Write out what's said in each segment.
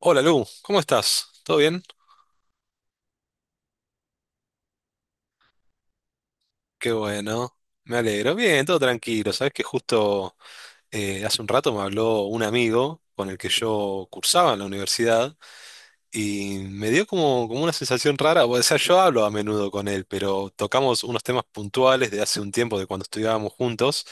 Hola Lu, ¿cómo estás? ¿Todo bien? Qué bueno, me alegro. Bien, todo tranquilo. Sabes que justo hace un rato me habló un amigo con el que yo cursaba en la universidad. Y me dio como una sensación rara, o sea, yo hablo a menudo con él, pero tocamos unos temas puntuales de hace un tiempo, de cuando estudiábamos juntos.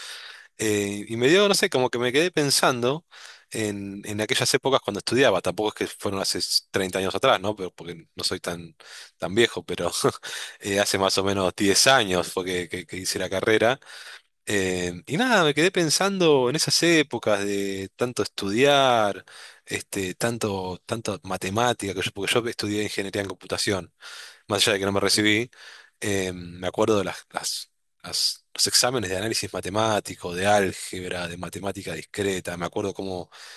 Eh, y me dio, no sé, como que me quedé pensando en aquellas épocas cuando estudiaba. Tampoco es que fueron hace 30 años atrás, ¿no? Pero, porque no soy tan viejo, pero hace más o menos 10 años fue que hice la carrera. Y nada, me quedé pensando en esas épocas de tanto estudiar, este, tanto matemática, que yo, porque yo estudié ingeniería en computación, más allá de que no me recibí. Em, me acuerdo de los exámenes de análisis matemático, de álgebra, de matemática discreta. Me acuerdo cómo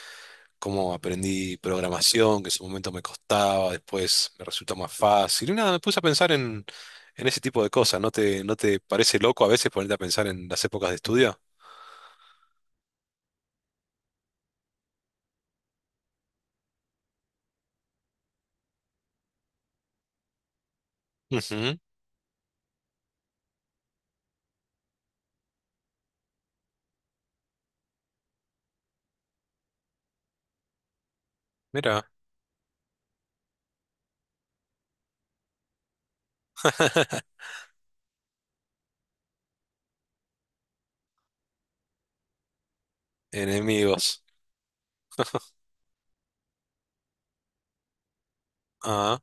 aprendí programación, que en su momento me costaba, después me resulta más fácil. Y nada, me puse a pensar en ese tipo de cosas. ¿No te parece loco a veces ponerte a pensar en las épocas de estudio? Ujú, mira, enemigos. Ah,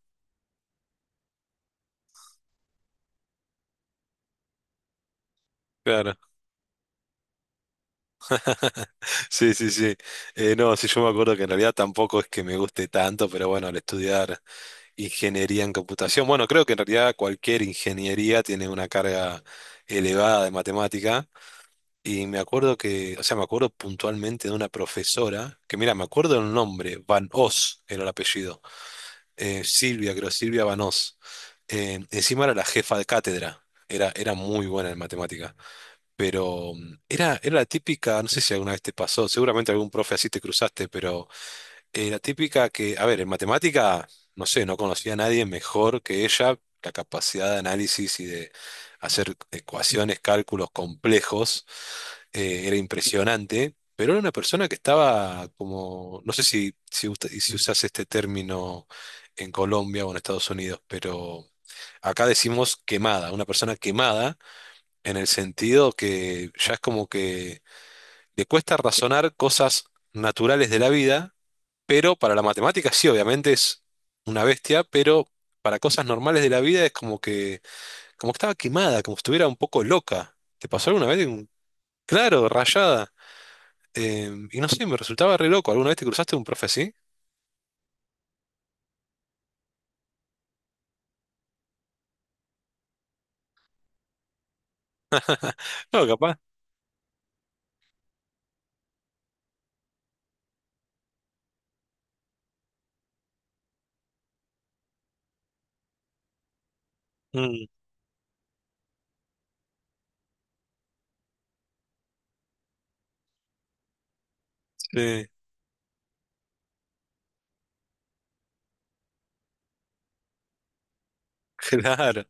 claro. Sí, sí, sí. No, sí, yo me acuerdo que en realidad tampoco es que me guste tanto, pero bueno, al estudiar ingeniería en computación. Bueno, creo que en realidad cualquier ingeniería tiene una carga elevada de matemática. Y me acuerdo que, o sea, me acuerdo puntualmente de una profesora, que, mira, me acuerdo el nombre, Van Os era el apellido. Silvia, creo, Silvia Van Os. Encima era la jefa de cátedra. Era muy buena en matemática. Pero era la típica, no sé si alguna vez te pasó, seguramente algún profe así te cruzaste. Pero la típica que, a ver, en matemática, no sé, no conocía a nadie mejor que ella. La capacidad de análisis y de hacer ecuaciones, cálculos complejos, era impresionante. Pero era una persona que estaba como, no sé si usas este término en Colombia o en Estados Unidos. Pero acá decimos quemada, una persona quemada en el sentido que ya es como que le cuesta razonar cosas naturales de la vida, pero para la matemática sí, obviamente es una bestia. Pero para cosas normales de la vida es como que estaba quemada, como si estuviera un poco loca. ¿Te pasó alguna vez? Claro, rayada. Y no sé, me resultaba re loco. ¿Alguna vez te cruzaste un profe así? No, capaz. Mm, sí, claro,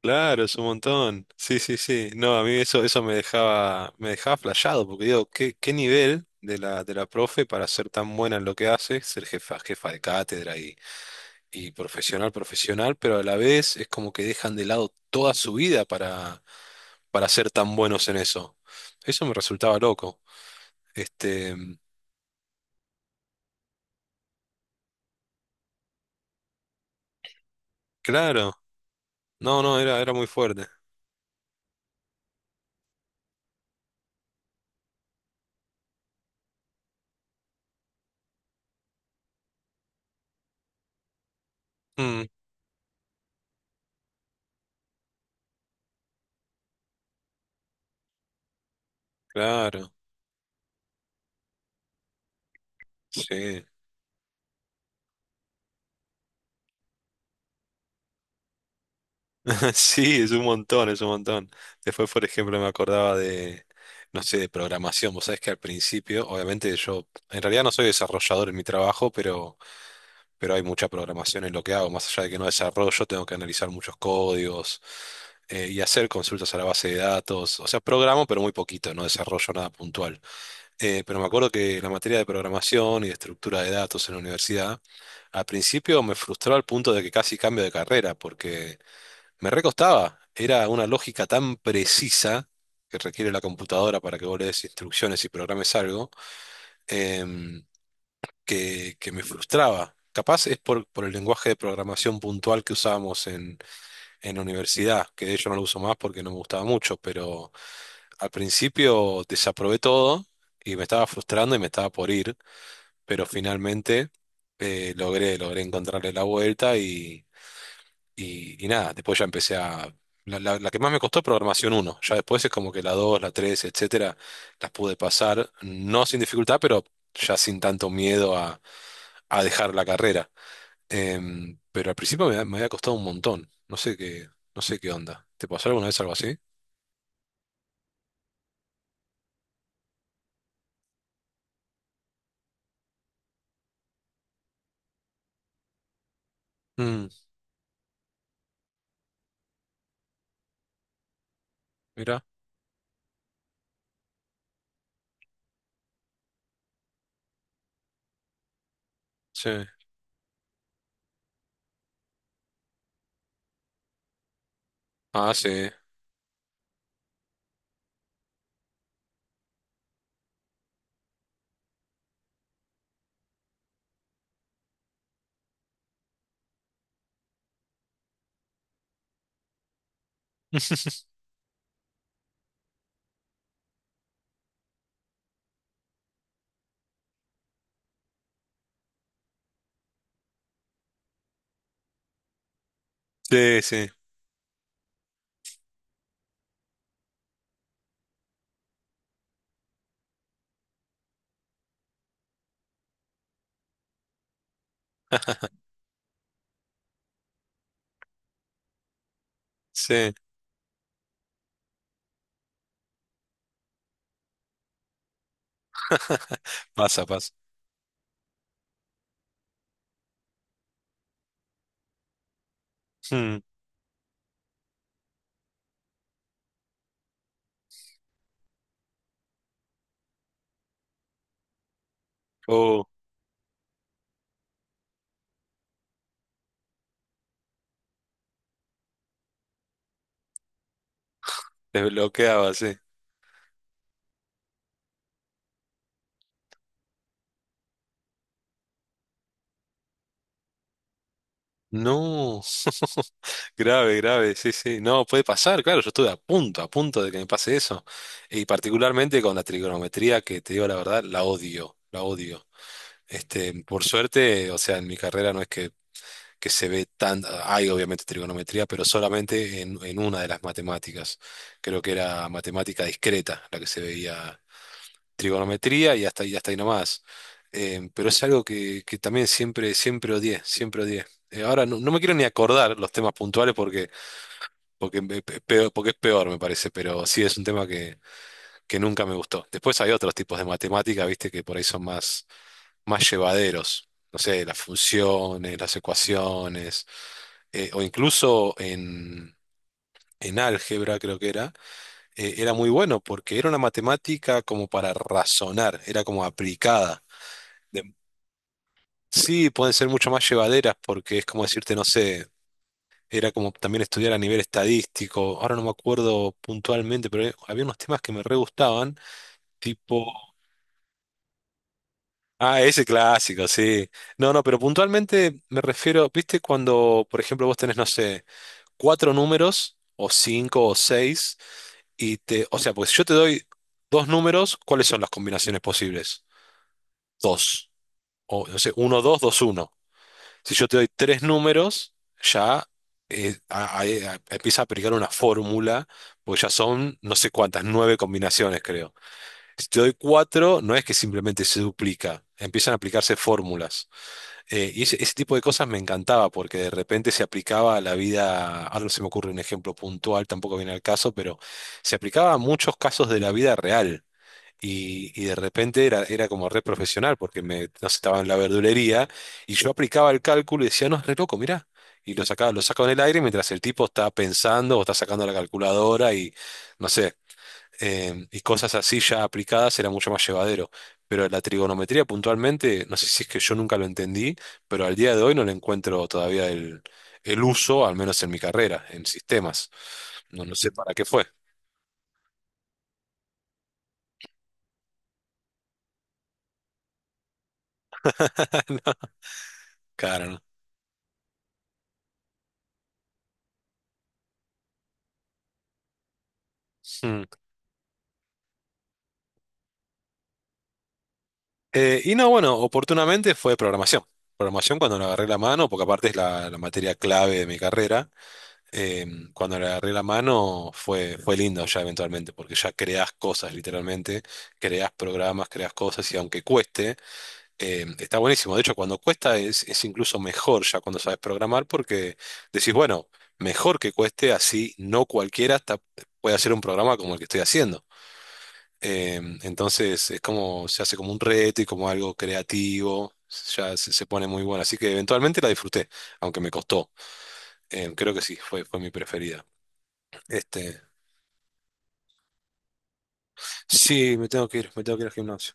claro, es un montón. Sí, sí, sí. No, a mí eso me dejaba flasheado, porque digo, ¿qué nivel de la profe para ser tan buena en lo que hace? Ser jefa de cátedra y profesional, profesional, pero a la vez es como que dejan de lado toda su vida para ser tan buenos en eso. Eso me resultaba loco. Este, mm, claro, no, no, era muy fuerte. Mm, claro, sí. Sí, es un montón, es un montón. Después, por ejemplo, me acordaba de, no sé, de programación. Vos sabés que al principio, obviamente yo, en realidad no soy desarrollador en mi trabajo, pero... Pero hay mucha programación en lo que hago. Más allá de que no desarrollo, tengo que analizar muchos códigos, y hacer consultas a la base de datos. O sea, programo, pero muy poquito, no desarrollo nada puntual. Pero me acuerdo que la materia de programación y de estructura de datos en la universidad, al principio me frustró al punto de que casi cambio de carrera, porque me recostaba. Era una lógica tan precisa que requiere la computadora para que vos le des instrucciones y programes algo. em, que me frustraba. Capaz es por el lenguaje de programación puntual que usábamos en la universidad, que de hecho no lo uso más porque no me gustaba mucho. Pero al principio desaprobé todo y me estaba frustrando y me estaba por ir, pero finalmente logré encontrarle la vuelta. Y nada, después ya empecé a... La que más me costó, programación uno. Ya después es como que la dos, la tres, etcétera, las pude pasar, no sin dificultad, pero ya sin tanto miedo a dejar la carrera. Pero al principio me había costado un montón. No sé qué onda. ¿Te pasó alguna vez algo así? Mm, mira, sí. Ah, sí. Sí, sí, sí. Pasa, pasa. Mm. Oh, desbloqueaba, sí. No. Grave, grave, sí, sí. No, puede pasar, claro, yo estuve a punto de que me pase eso. Y particularmente con la trigonometría, que te digo la verdad, la odio, la odio. Este, por suerte, o sea, en mi carrera no es que se ve tan, hay obviamente trigonometría, pero solamente en una de las matemáticas. Creo que era matemática discreta la que se veía trigonometría, y hasta ahí nomás. Pero es algo que también siempre, siempre odié, siempre odié. Ahora no me quiero ni acordar los temas puntuales, porque porque es peor, me parece. Pero sí es un tema que nunca me gustó. Después hay otros tipos de matemática, viste, que por ahí son más llevaderos. No sé, las funciones, las ecuaciones, o incluso en álgebra, creo que era muy bueno porque era una matemática como para razonar, era como aplicada. De- sí, pueden ser mucho más llevaderas porque es como decirte, no sé. Era como también estudiar a nivel estadístico. Ahora no me acuerdo puntualmente, pero había unos temas que me re gustaban, tipo. Ah, ese clásico, sí. No, no, pero puntualmente me refiero, ¿viste cuando, por ejemplo, vos tenés, no sé, cuatro números, o cinco, o seis, y te. O sea, pues yo te doy dos números, ¿cuáles son las combinaciones posibles? Dos. O, no sé, uno, dos, dos, uno. Si yo te doy tres números, ya empieza a aplicar una fórmula, porque ya son no sé cuántas, nueve combinaciones, creo. Si te doy cuatro, no es que simplemente se duplica, empiezan a aplicarse fórmulas. Y ese tipo de cosas me encantaba, porque de repente se aplicaba a la vida, ahora no se me ocurre un ejemplo puntual, tampoco viene al caso, pero se aplicaba a muchos casos de la vida real. Y de repente era como re profesional, porque me, no sé, estaba en la verdulería y yo aplicaba el cálculo y decía, no, es re loco, mirá. Y lo sacaba en el aire mientras el tipo está pensando o está sacando la calculadora, y no sé, y cosas así ya aplicadas era mucho más llevadero. Pero la trigonometría puntualmente, no sé si es que yo nunca lo entendí, pero al día de hoy no le encuentro todavía el uso, al menos en mi carrera, en sistemas. No, no sé para qué fue. No, claro, ¿no? Mm. Y no, bueno, oportunamente fue programación. Programación cuando le agarré la mano, porque aparte es la materia clave de mi carrera, eh, cuando le agarré la mano fue lindo ya eventualmente, porque ya creás cosas literalmente, creás programas, creás cosas y aunque cueste, está buenísimo. De hecho, cuando cuesta es incluso mejor ya cuando sabes programar, porque decís, bueno, mejor que cueste, así no cualquiera hasta puede hacer un programa como el que estoy haciendo. Entonces es como, se hace como un reto y como algo creativo, ya se pone muy bueno. Así que eventualmente la disfruté, aunque me costó. Creo que sí, fue mi preferida. Este, sí, me tengo que ir, me tengo que ir al gimnasio.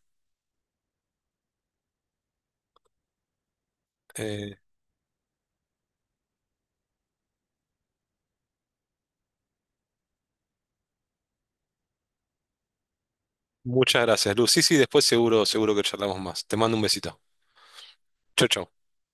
Eh, Muchas gracias, Luz. Sí, sí, después seguro, seguro que charlamos más. Te mando un besito. Chau, chau.